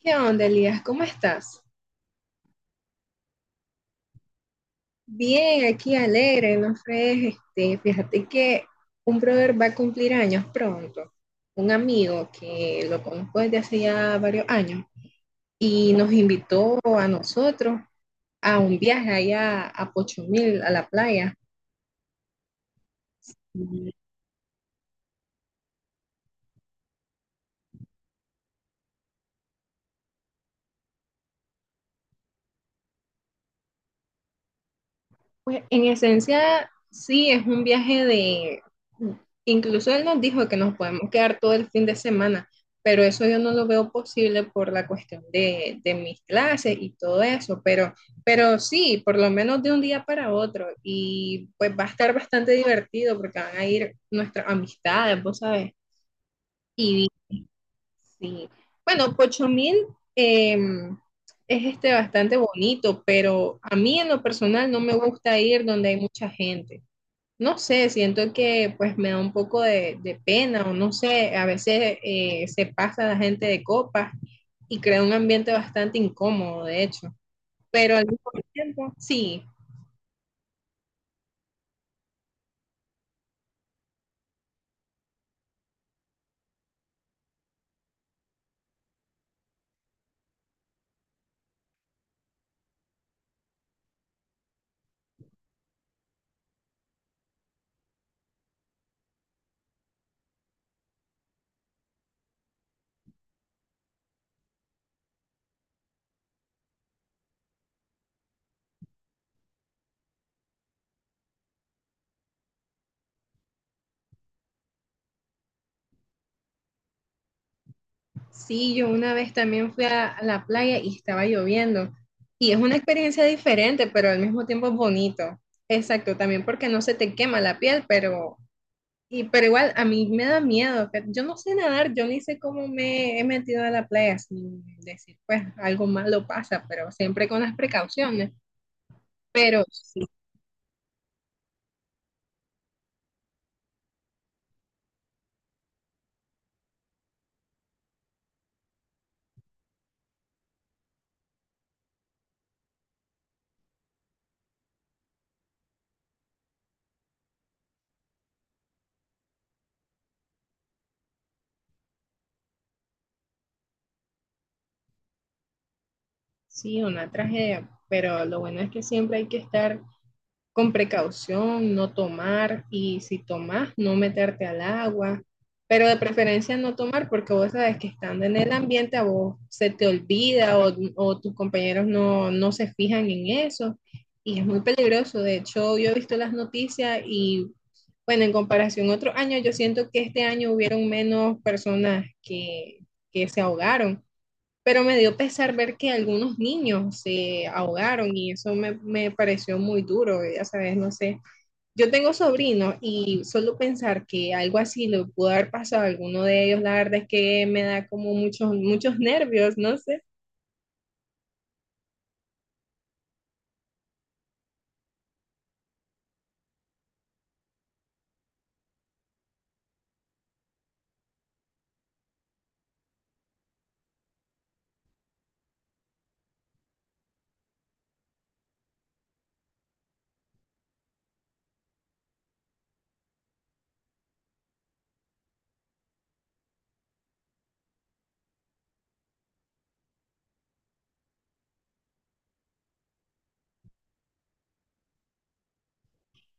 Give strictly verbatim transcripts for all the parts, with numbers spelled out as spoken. ¿Qué onda, Elías? ¿Cómo estás? Bien, aquí alegre, no fregues, este, fíjate que un brother va a cumplir años pronto, un amigo que lo conozco desde hace ya varios años y nos invitó a nosotros a un viaje allá a Pochomil, a la playa. Pues en esencia, sí, es un viaje de… Incluso él nos dijo que nos podemos quedar todo el fin de semana, pero eso yo no lo veo posible por la cuestión de, de mis clases y todo eso, pero, pero sí, por lo menos de un día para otro. Y pues va a estar bastante divertido porque van a ir nuestras amistades, vos sabes. Sí. Bueno, Pochomil eh, es este bastante bonito, pero a mí en lo personal no me gusta ir donde hay mucha gente. No sé, siento que pues me da un poco de, de pena o no sé, a veces eh, se pasa la gente de copas y crea un ambiente bastante incómodo, de hecho. Pero al mismo tiempo, sí, sí, yo una vez también fui a, a la playa y estaba lloviendo. Y es una experiencia diferente, pero al mismo tiempo es bonito. Exacto, también porque no se te quema la piel, pero, y, pero igual a mí me da miedo. que- Yo no sé nadar, yo ni sé cómo me he metido a la playa sin decir, pues algo malo pasa, pero siempre con las precauciones. Pero sí, sí, una tragedia. Pero lo bueno es que siempre hay que estar con precaución, no tomar y si tomas, no meterte al agua, pero de preferencia no tomar porque vos sabes que estando en el ambiente a vos se te olvida o, o tus compañeros no, no, se fijan en eso y es muy peligroso. De hecho, yo he visto las noticias y bueno, en comparación a otros años, yo siento que este año hubieron menos personas que, que se ahogaron, pero me dio pesar ver que algunos niños se ahogaron y eso me, me pareció muy duro, ya sabes, no sé. Yo tengo sobrinos y solo pensar que algo así le pudo haber pasado a alguno de ellos, la verdad es que me da como muchos, muchos nervios, no sé.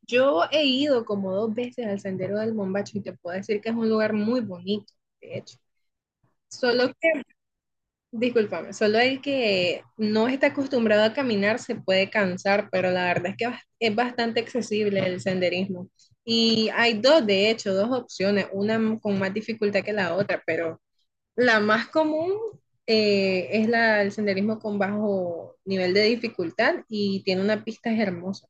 Yo he ido como dos veces al Sendero del Bombacho y te puedo decir que es un lugar muy bonito, de hecho. Solo… Discúlpame, solo el que no está acostumbrado a caminar se puede cansar, pero la verdad es que bas- es bastante accesible el senderismo. Y hay dos, de hecho, dos opciones, una m- con más dificultad que la otra, pero la más común, eh, es la, el senderismo con bajo nivel de dificultad y tiene unas pistas hermosas.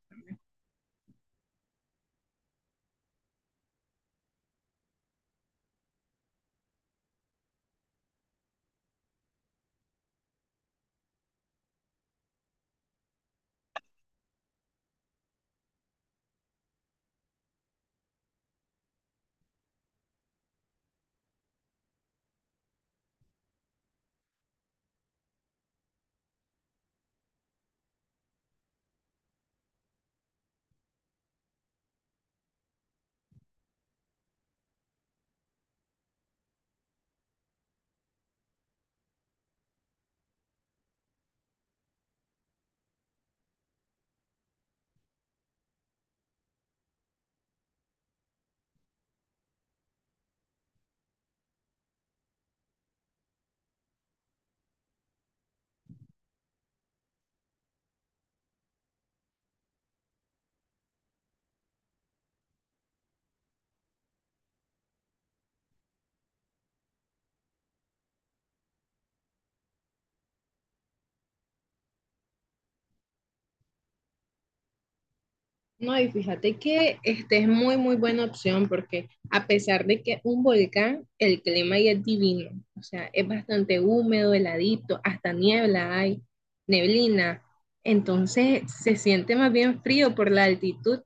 No, y fíjate que este es muy, muy buena opción porque a pesar de que un volcán, el clima ahí es divino. O sea, es bastante húmedo, heladito, hasta niebla hay, neblina. Entonces se siente más bien frío por la altitud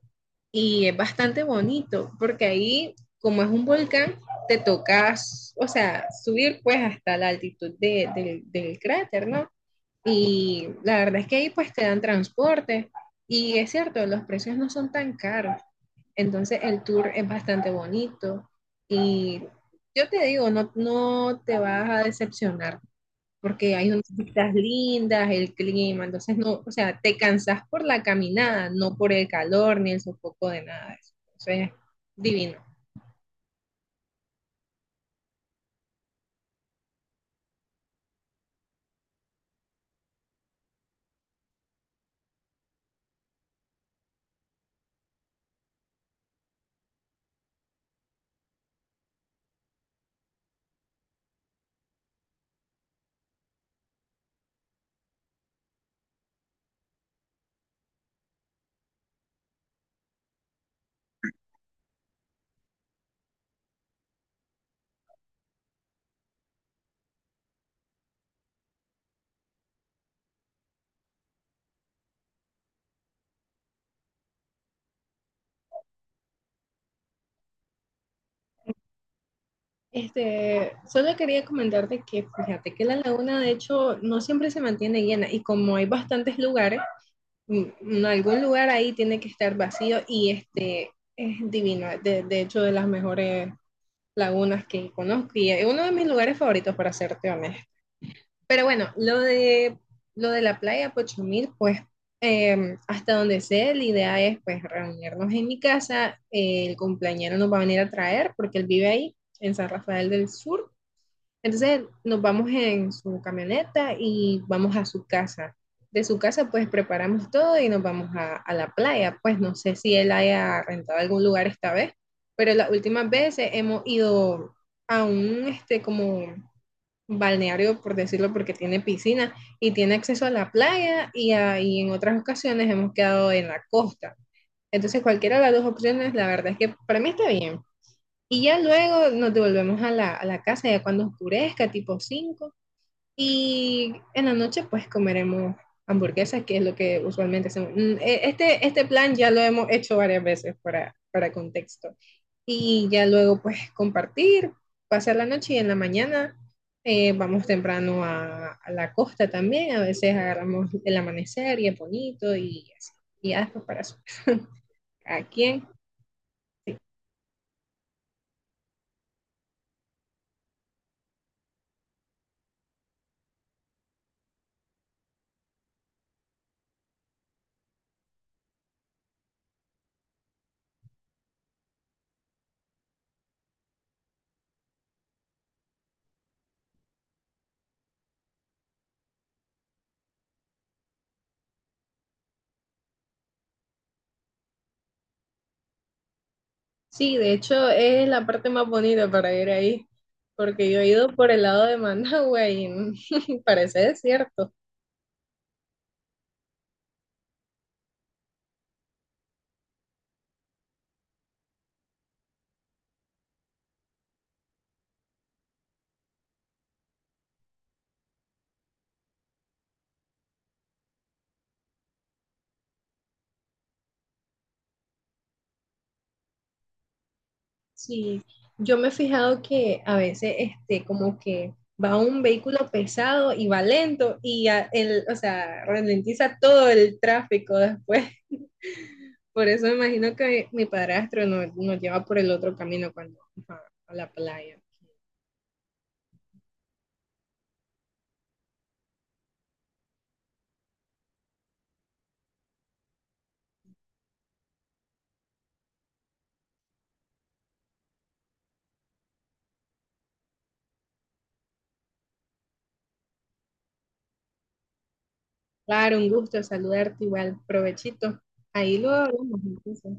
y es bastante bonito porque ahí, como es un volcán, te tocas, o sea, subir pues hasta la altitud de- del del cráter, ¿no? Y la verdad es que ahí pues te dan transporte y es cierto, los precios no son tan caros. Entonces el tour es bastante bonito y yo te digo, no, no te vas a decepcionar porque hay unas vistas lindas, el clima, entonces no, o sea, te cansas por la caminada, no por el calor ni el sofoco de nada de eso. Entonces, divino. Este, solo quería comentarte que fíjate que la laguna de hecho no siempre se mantiene llena y como hay bastantes lugares, en algún lugar ahí tiene que estar vacío y este es divino, de, de hecho de las mejores lagunas que conozco y es uno de mis lugares favoritos para serte honesto. Pero bueno, lo de, lo de la playa Pochumil, pues eh, hasta donde sé, la idea es pues reunirnos en mi casa, eh, el cumpleañero nos va a venir a traer porque él vive ahí, en San Rafael del Sur, entonces nos vamos en su camioneta y vamos a su casa. De su casa pues preparamos todo y nos vamos a, a la playa. Pues no sé si él haya rentado algún lugar esta vez, pero las últimas veces hemos ido a un este como balneario, por decirlo, porque tiene piscina y tiene acceso a la playa y, a- y en otras ocasiones hemos quedado en la costa. Entonces cualquiera de las dos opciones, la verdad es que para mí está bien. Y ya luego nos devolvemos a la, a la casa, ya cuando oscurezca, tipo cinco. Y en la noche, pues comeremos hamburguesas, que es lo que usualmente hacemos. Mm, e- Este, este plan ya lo hemos hecho varias veces para, para contexto. Y ya luego, pues compartir, pasar la noche y en la mañana, eh, vamos temprano a, a la costa también. A veces agarramos el amanecer y es bonito y así. Y ya después para su casa. ¿A quién? Sí, de hecho es la parte más bonita para ir ahí, porque yo he ido por el lado de Managua y parece desierto. Sí, yo me he fijado que a veces este, como que va un vehículo pesado y va lento y a- el, o sea, ralentiza todo el tráfico después. Por eso me imagino que mi padrastro nos, nos lleva por el otro camino cuando vamos a a la playa. Claro, un gusto saludarte igual, provechito. Ahí lo hablamos entonces.